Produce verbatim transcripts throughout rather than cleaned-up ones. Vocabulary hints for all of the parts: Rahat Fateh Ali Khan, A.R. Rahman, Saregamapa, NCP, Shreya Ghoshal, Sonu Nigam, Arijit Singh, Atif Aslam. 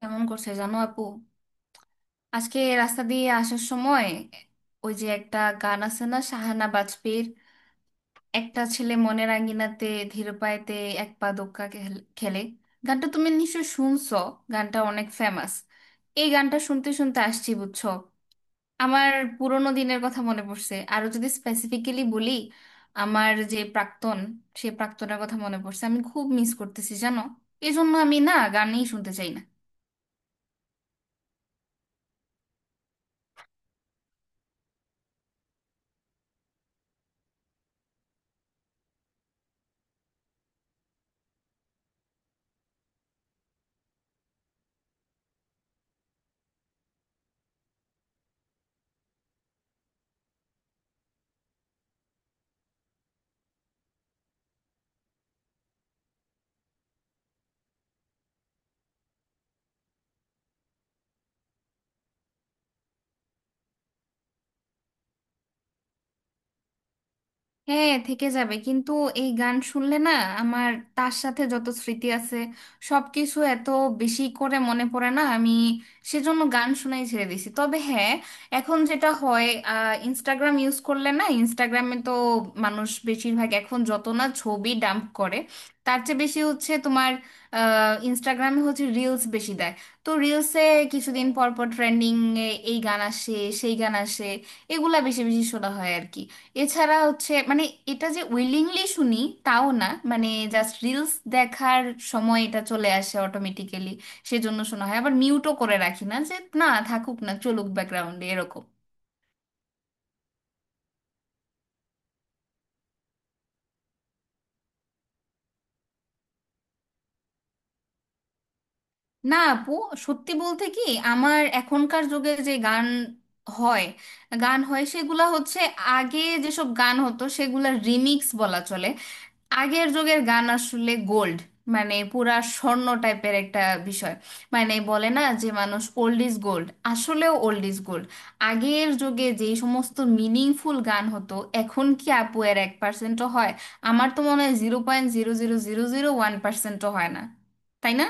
কেমন করছে জানো, আপু? আজকে রাস্তা দিয়ে আসার সময় ওই যে একটা গান আছে না, সাহানা বাজপেয়ীর, একটা ছেলে মনের আঙ্গিনাতে ধীর পায়েতে এক পা দোক্কা খেল- খেলে। গানটা তুমি নিশ্চয় শুনছো। গানটা অনেক ফেমাস। এই গানটা শুনতে শুনতে আসছি বুঝছো, আমার পুরোনো দিনের কথা মনে পড়ছে। আরো যদি স্পেসিফিক্যালি বলি, আমার যে প্রাক্তন, সে প্রাক্তনের কথা মনে পড়ছে, আমি খুব মিস করতেছি জানো। এই জন্য আমি না গানই শুনতে চাই না। হ্যাঁ থেকে যাবে, কিন্তু এই গান শুনলে না আমার তার সাথে যত স্মৃতি আছে সবকিছু এত বেশি করে মনে পড়ে না আমি, সেজন্য গান শুনাই ছেড়ে দিছি। তবে হ্যাঁ, এখন যেটা হয়, ইনস্টাগ্রাম ইউজ করলে না, ইনস্টাগ্রামে তো মানুষ বেশিরভাগ এখন যত না ছবি ডাম্প করে, তার চেয়ে বেশি হচ্ছে তোমার ইনস্টাগ্রামে হচ্ছে রিলস বেশি দেয়। তো রিলসে কিছুদিন পর পর ট্রেন্ডিং এ এই গান আসে, সেই গান আসে। এগুলা বেশি বেশি শোনা হয় আর কি। এছাড়া হচ্ছে, মানে এটা যে উইলিংলি শুনি তাও না। মানে জাস্ট রিলস দেখার সময় এটা চলে আসে অটোমেটিক্যালি, সেজন্য শোনা হয়। আবার মিউটও করে রাখি না যে না থাকুক, না চলুক ব্যাকগ্রাউন্ডে, এরকম। না আপু, সত্যি বলতে কি, আমার এখনকার যুগে যে গান হয়, গান হয় সেগুলা হচ্ছে আগে যেসব গান হতো সেগুলা রিমিক্স বলা চলে। আগের যুগের গান আসলে গোল্ড, মানে পুরা স্বর্ণ টাইপের একটা বিষয়। মানে বলে না যে মানুষ ওল্ড ইজ গোল্ড, আসলেও ওল্ড ইজ গোল্ড। আগের যুগে যেই সমস্ত মিনিংফুল গান হতো এখন কি আপু এর এক পার্সেন্টও হয়? আমার তো মনে হয় zero point zero zero zero zero one পার্সেন্টও হয় না, তাই না?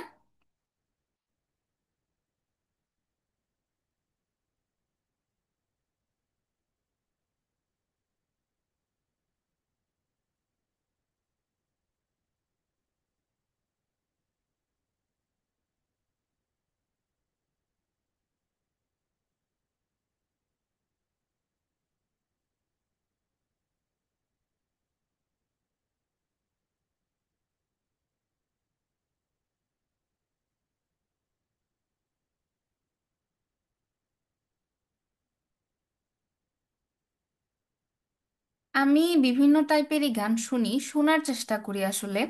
আমি বিভিন্ন টাইপেরই গান শুনি, শোনার চেষ্টা করি আসলে।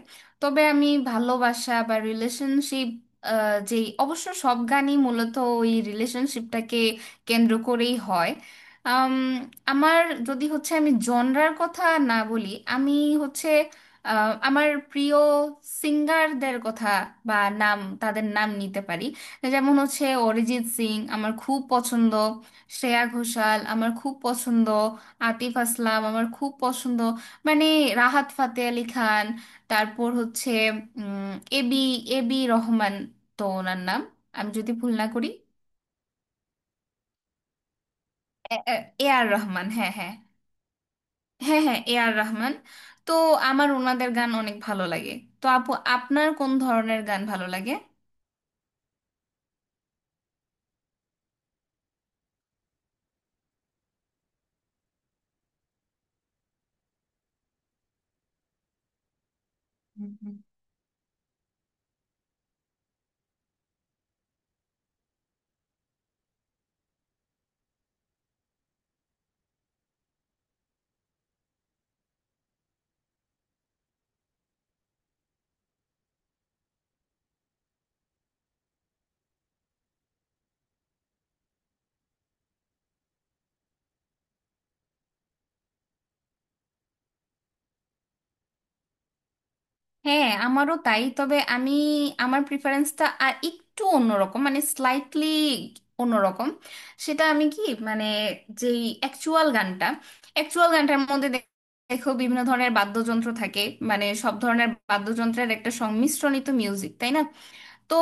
তবে আমি ভালোবাসা বা রিলেশনশিপ, যেই অবশ্য সব গানই মূলত ওই রিলেশনশিপটাকে কেন্দ্র করেই হয়। আম, আমার, যদি হচ্ছে আমি জনরার কথা না বলি, আমি হচ্ছে আহ, আমার প্রিয় সিঙ্গারদের কথা বা নাম, তাদের নাম নিতে পারি। যেমন হচ্ছে অরিজিৎ সিং আমার খুব পছন্দ, শ্রেয়া ঘোষাল আমার খুব পছন্দ, আতিফ আসলাম আমার খুব পছন্দ, মানে রাহাত ফাতে আলি খান, তারপর হচ্ছে এবি, এবি রহমান। তো ওনার নাম আমি যদি ভুল না করি, এ আর রহমান। হ্যাঁ, হ্যাঁ। হ্যাঁ, হ্যাঁ, এ আর রহমান। তো আমার ওনাদের গান অনেক ভালো লাগে। তো আপু, আপনার কোন ধরনের গান ভালো লাগে? হ্যাঁ আমারও তাই। তবে আমি, আমার প্রিফারেন্সটা আর একটু অন্যরকম, মানে স্লাইটলি অন্যরকম। সেটা আমি কি মানে, যেই অ্যাকচুয়াল গানটা, অ্যাকচুয়াল গানটার মধ্যে দে- দেখো বিভিন্ন ধরনের বাদ্যযন্ত্র থাকে, মানে সব ধরনের বাদ্যযন্ত্রের একটা সংমিশ্রণিত মিউজিক, তাই না? তো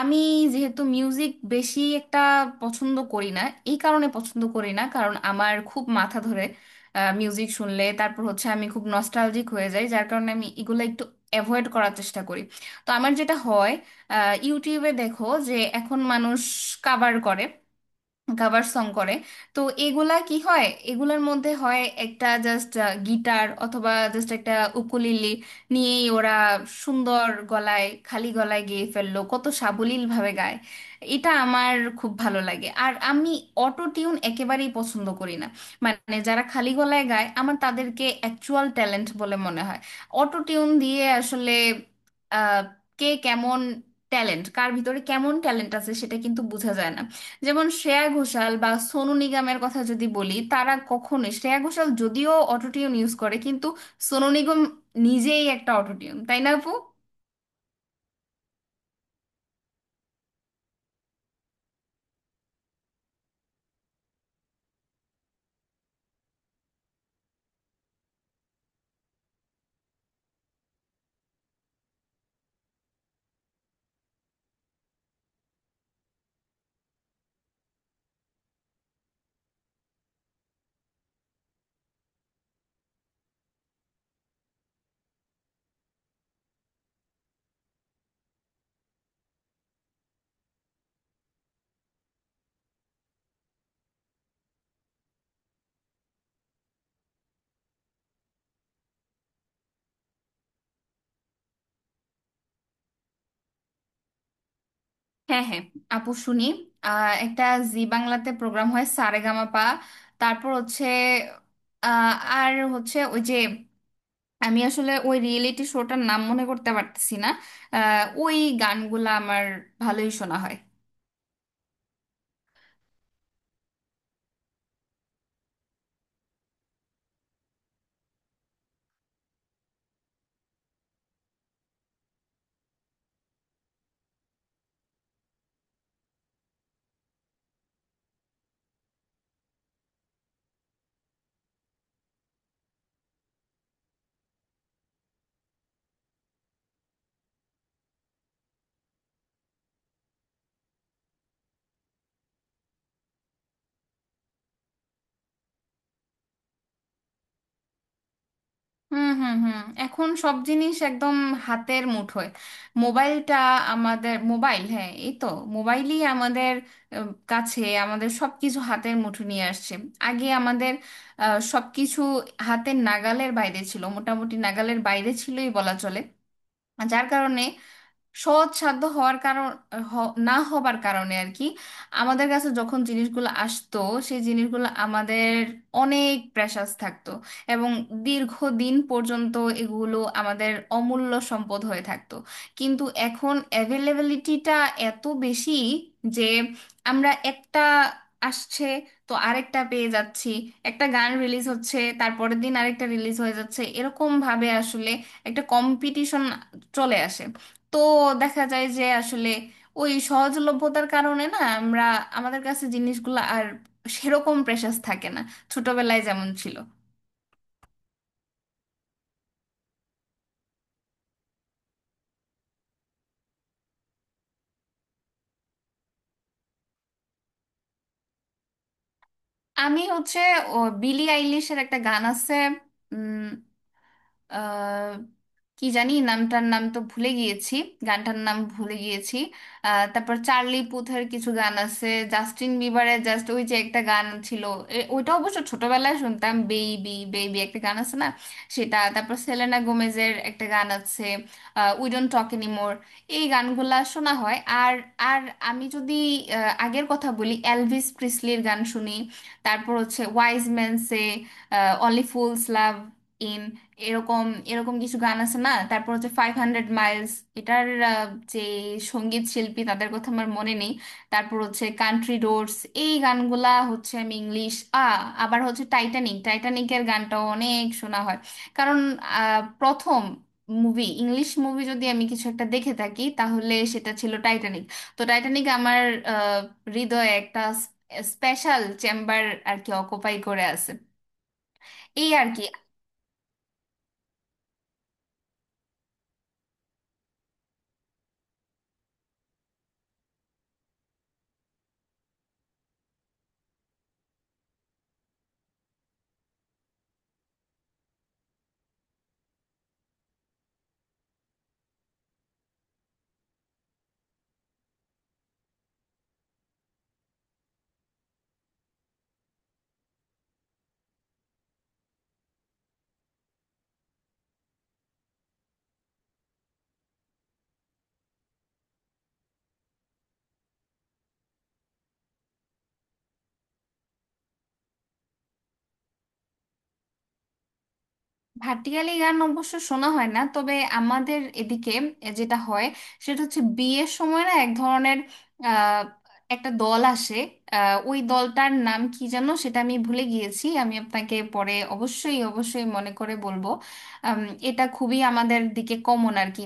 আমি যেহেতু মিউজিক বেশি একটা পছন্দ করি না, এই কারণে পছন্দ করি না কারণ আমার খুব মাথা ধরে মিউজিক শুনলে। তারপর হচ্ছে আমি খুব নস্টালজিক হয়ে যাই, যার কারণে আমি এগুলো একটু অ্যাভয়েড করার চেষ্টা করি। তো আমার যেটা হয়, আহ, ইউটিউবে দেখো যে এখন মানুষ কাভার করে, কাভার সং করে। তো এগুলা কি হয়? এগুলার মধ্যে হয় একটা জাস্ট গিটার অথবা জাস্ট একটা উকুলিলি নিয়েই ওরা সুন্দর গলায়, খালি গলায় গেয়ে ফেললো, কত সাবলীল ভাবে গায়। এটা আমার খুব ভালো লাগে। আর আমি অটো টিউন একেবারেই পছন্দ করি না। মানে যারা খালি গলায় গায় আমার তাদেরকে অ্যাকচুয়াল ট্যালেন্ট বলে মনে হয়। অটো টিউন দিয়ে আসলে আহ, কে কেমন ট্যালেন্ট, কার ভিতরে কেমন ট্যালেন্ট আছে সেটা কিন্তু বোঝা যায় না। যেমন শ্রেয়া ঘোষাল বা সোনু নিগমের কথা যদি বলি, তারা কখনোই, শ্রেয়া ঘোষাল যদিও অটোটিউন ইউজ করে, কিন্তু সোনু নিগম নিজেই একটা অটোটিউন, তাই না আপু? হ্যাঁ, হ্যাঁ, আপু শুনি। আহ, একটা জি বাংলাতে প্রোগ্রাম হয় সারেগামাপা। তারপর হচ্ছে, আহ, আর হচ্ছে ওই যে, আমি আসলে ওই রিয়েলিটি শোটার নাম মনে করতে পারতেছি না। আহ, ওই গানগুলা আমার ভালোই শোনা হয়। হুম, হুম, হুম, এখন সব জিনিস একদম হাতের মুঠোয়। মোবাইলটা আমাদের, মোবাইল হ্যাঁ এই তো, মোবাইলই আমাদের আহ, কাছে, আমাদের সব কিছু হাতের মুঠো নিয়ে আসছে। আগে আমাদের আহ, সব কিছু হাতের নাগালের বাইরে ছিল, মোটামুটি নাগালের বাইরে ছিলই বলা চলে। যার কারণে সৎসাধ্য হওয়ার কারণ, হ- না হবার কারণে আর কি, আমাদের কাছে যখন জিনিসগুলো আসতো, সেই জিনিসগুলো আমাদের অনেক প্রেশাস থাকতো এবং দীর্ঘদিন পর্যন্ত এগুলো আমাদের অমূল্য সম্পদ হয়ে থাকতো। কিন্তু এখন অ্যাভেলেবিলিটিটা এত বেশি যে আমরা একটা আসছে তো আরেকটা পেয়ে যাচ্ছি। একটা গান রিলিজ হচ্ছে তারপরের দিন আরেকটা রিলিজ হয়ে যাচ্ছে, এরকম ভাবে আসলে একটা কম্পিটিশন চলে আসে। তো দেখা যায় যে আসলে ওই সহজলভ্যতার কারণে না, আমরা, আমাদের কাছে জিনিসগুলো আর সেরকম প্রেশাস থাকে না ছোটবেলায় যেমন ছিল। আমি হচ্ছে, ও, বিলি আইলিশের একটা গান আছে, আহ কি জানি নামটার, নাম তো ভুলে গিয়েছি, গানটার নাম ভুলে গিয়েছি। আহ, তারপর চার্লি পুথের কিছু গান আছে, জাস্টিন বিবারের জাস্ট ওই যে একটা গান ছিল, এ- ওইটা অবশ্য ছোটবেলায় শুনতাম, বেবি বেবি একটা গান আছে না, সেটা। তারপর সেলেনা গোমেজের একটা গান আছে উই ডোন্ট টক এনিমোর, এই গানগুলা শোনা হয়। আর আর আমি যদি আহ, আগের কথা বলি, এলভিস প্রিসলির গান শুনি। তারপর হচ্ছে wise man say only fools love in, এরকম এরকম কিছু গান আছে না, তারপর হচ্ছে ফাইভ হান্ড্রেড মাইলস, এটার আহ, যে সঙ্গীত শিল্পী তাদের কথা আমার মনে নেই। তারপর হচ্ছে কান্ট্রি রোডস, এই গানগুলা হচ্ছে আমি ইংলিশ, আ আবার হচ্ছে টাইটানিক, টাইটানিকের গানটাও অনেক শোনা হয়। কারণ আহ, প্রথম মুভি, ইংলিশ মুভি যদি আমি কিছু একটা দেখে থাকি তাহলে সেটা ছিল টাইটানিক। তো টাইটানিক আমার আহ, হৃদয়ে একটা স্পেশাল চেম্বার আর কি অকুপাই করে আছে, এই আর কি। ভাটিয়ালি গান অবশ্য শোনা হয় না। তবে আমাদের এদিকে যেটা হয়, সেটা হচ্ছে বিয়ের সময় না এক ধরনের আহ, একটা দল আসে। আহ, ওই দলটার নাম কি যেন, সেটা আমি ভুলে গিয়েছি, আমি আপনাকে পরে অবশ্যই অবশ্যই মনে করে বলবো। আম, এটা খুবই আমাদের দিকে কমন আর কি।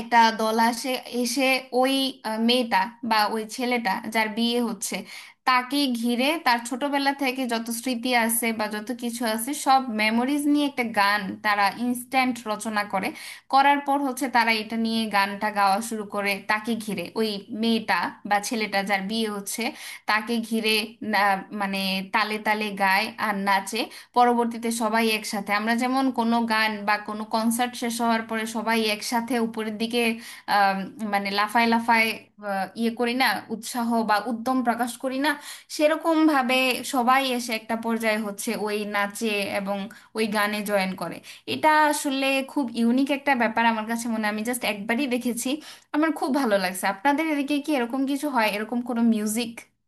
একটা দল আসে, এসে ওই আহ, মেয়েটা বা ওই ছেলেটা যার বিয়ে হচ্ছে, তাকে ঘিরে তার ছোটবেলা থেকে যত স্মৃতি আছে বা যত কিছু আছে সব মেমোরিজ নিয়ে একটা গান তারা ইনস্ট্যান্ট রচনা করে। করার পর হচ্ছে তারা এটা নিয়ে গানটা গাওয়া শুরু করে তাকে ঘিরে, ওই মেয়েটা বা ছেলেটা যার বিয়ে হচ্ছে, তাকে ঘিরে। না- মানে তালে তালে গায় আর নাচে। পরবর্তীতে সবাই একসাথে, আমরা যেমন কোনো গান বা কোনো কনসার্ট শেষ হওয়ার পরে সবাই একসাথে উপরের দিকে, আম, মানে লাফায় লাফায় আহ, ইয়ে করি না, উৎসাহ বা উদ্যম প্রকাশ করি না, সেরকম ভাবে সবাই এসে একটা পর্যায়ে হচ্ছে ওই নাচে এবং ওই গানে জয়েন করে। এটা আসলে খুব ইউনিক একটা ব্যাপার আমার কাছে মনে হয়। আমি জাস্ট একবারই দেখেছি, আমার খুব ভালো লাগছে। আপনাদের এদিকে কি এরকম কিছু হয়, এরকম কোনো মিউজিক?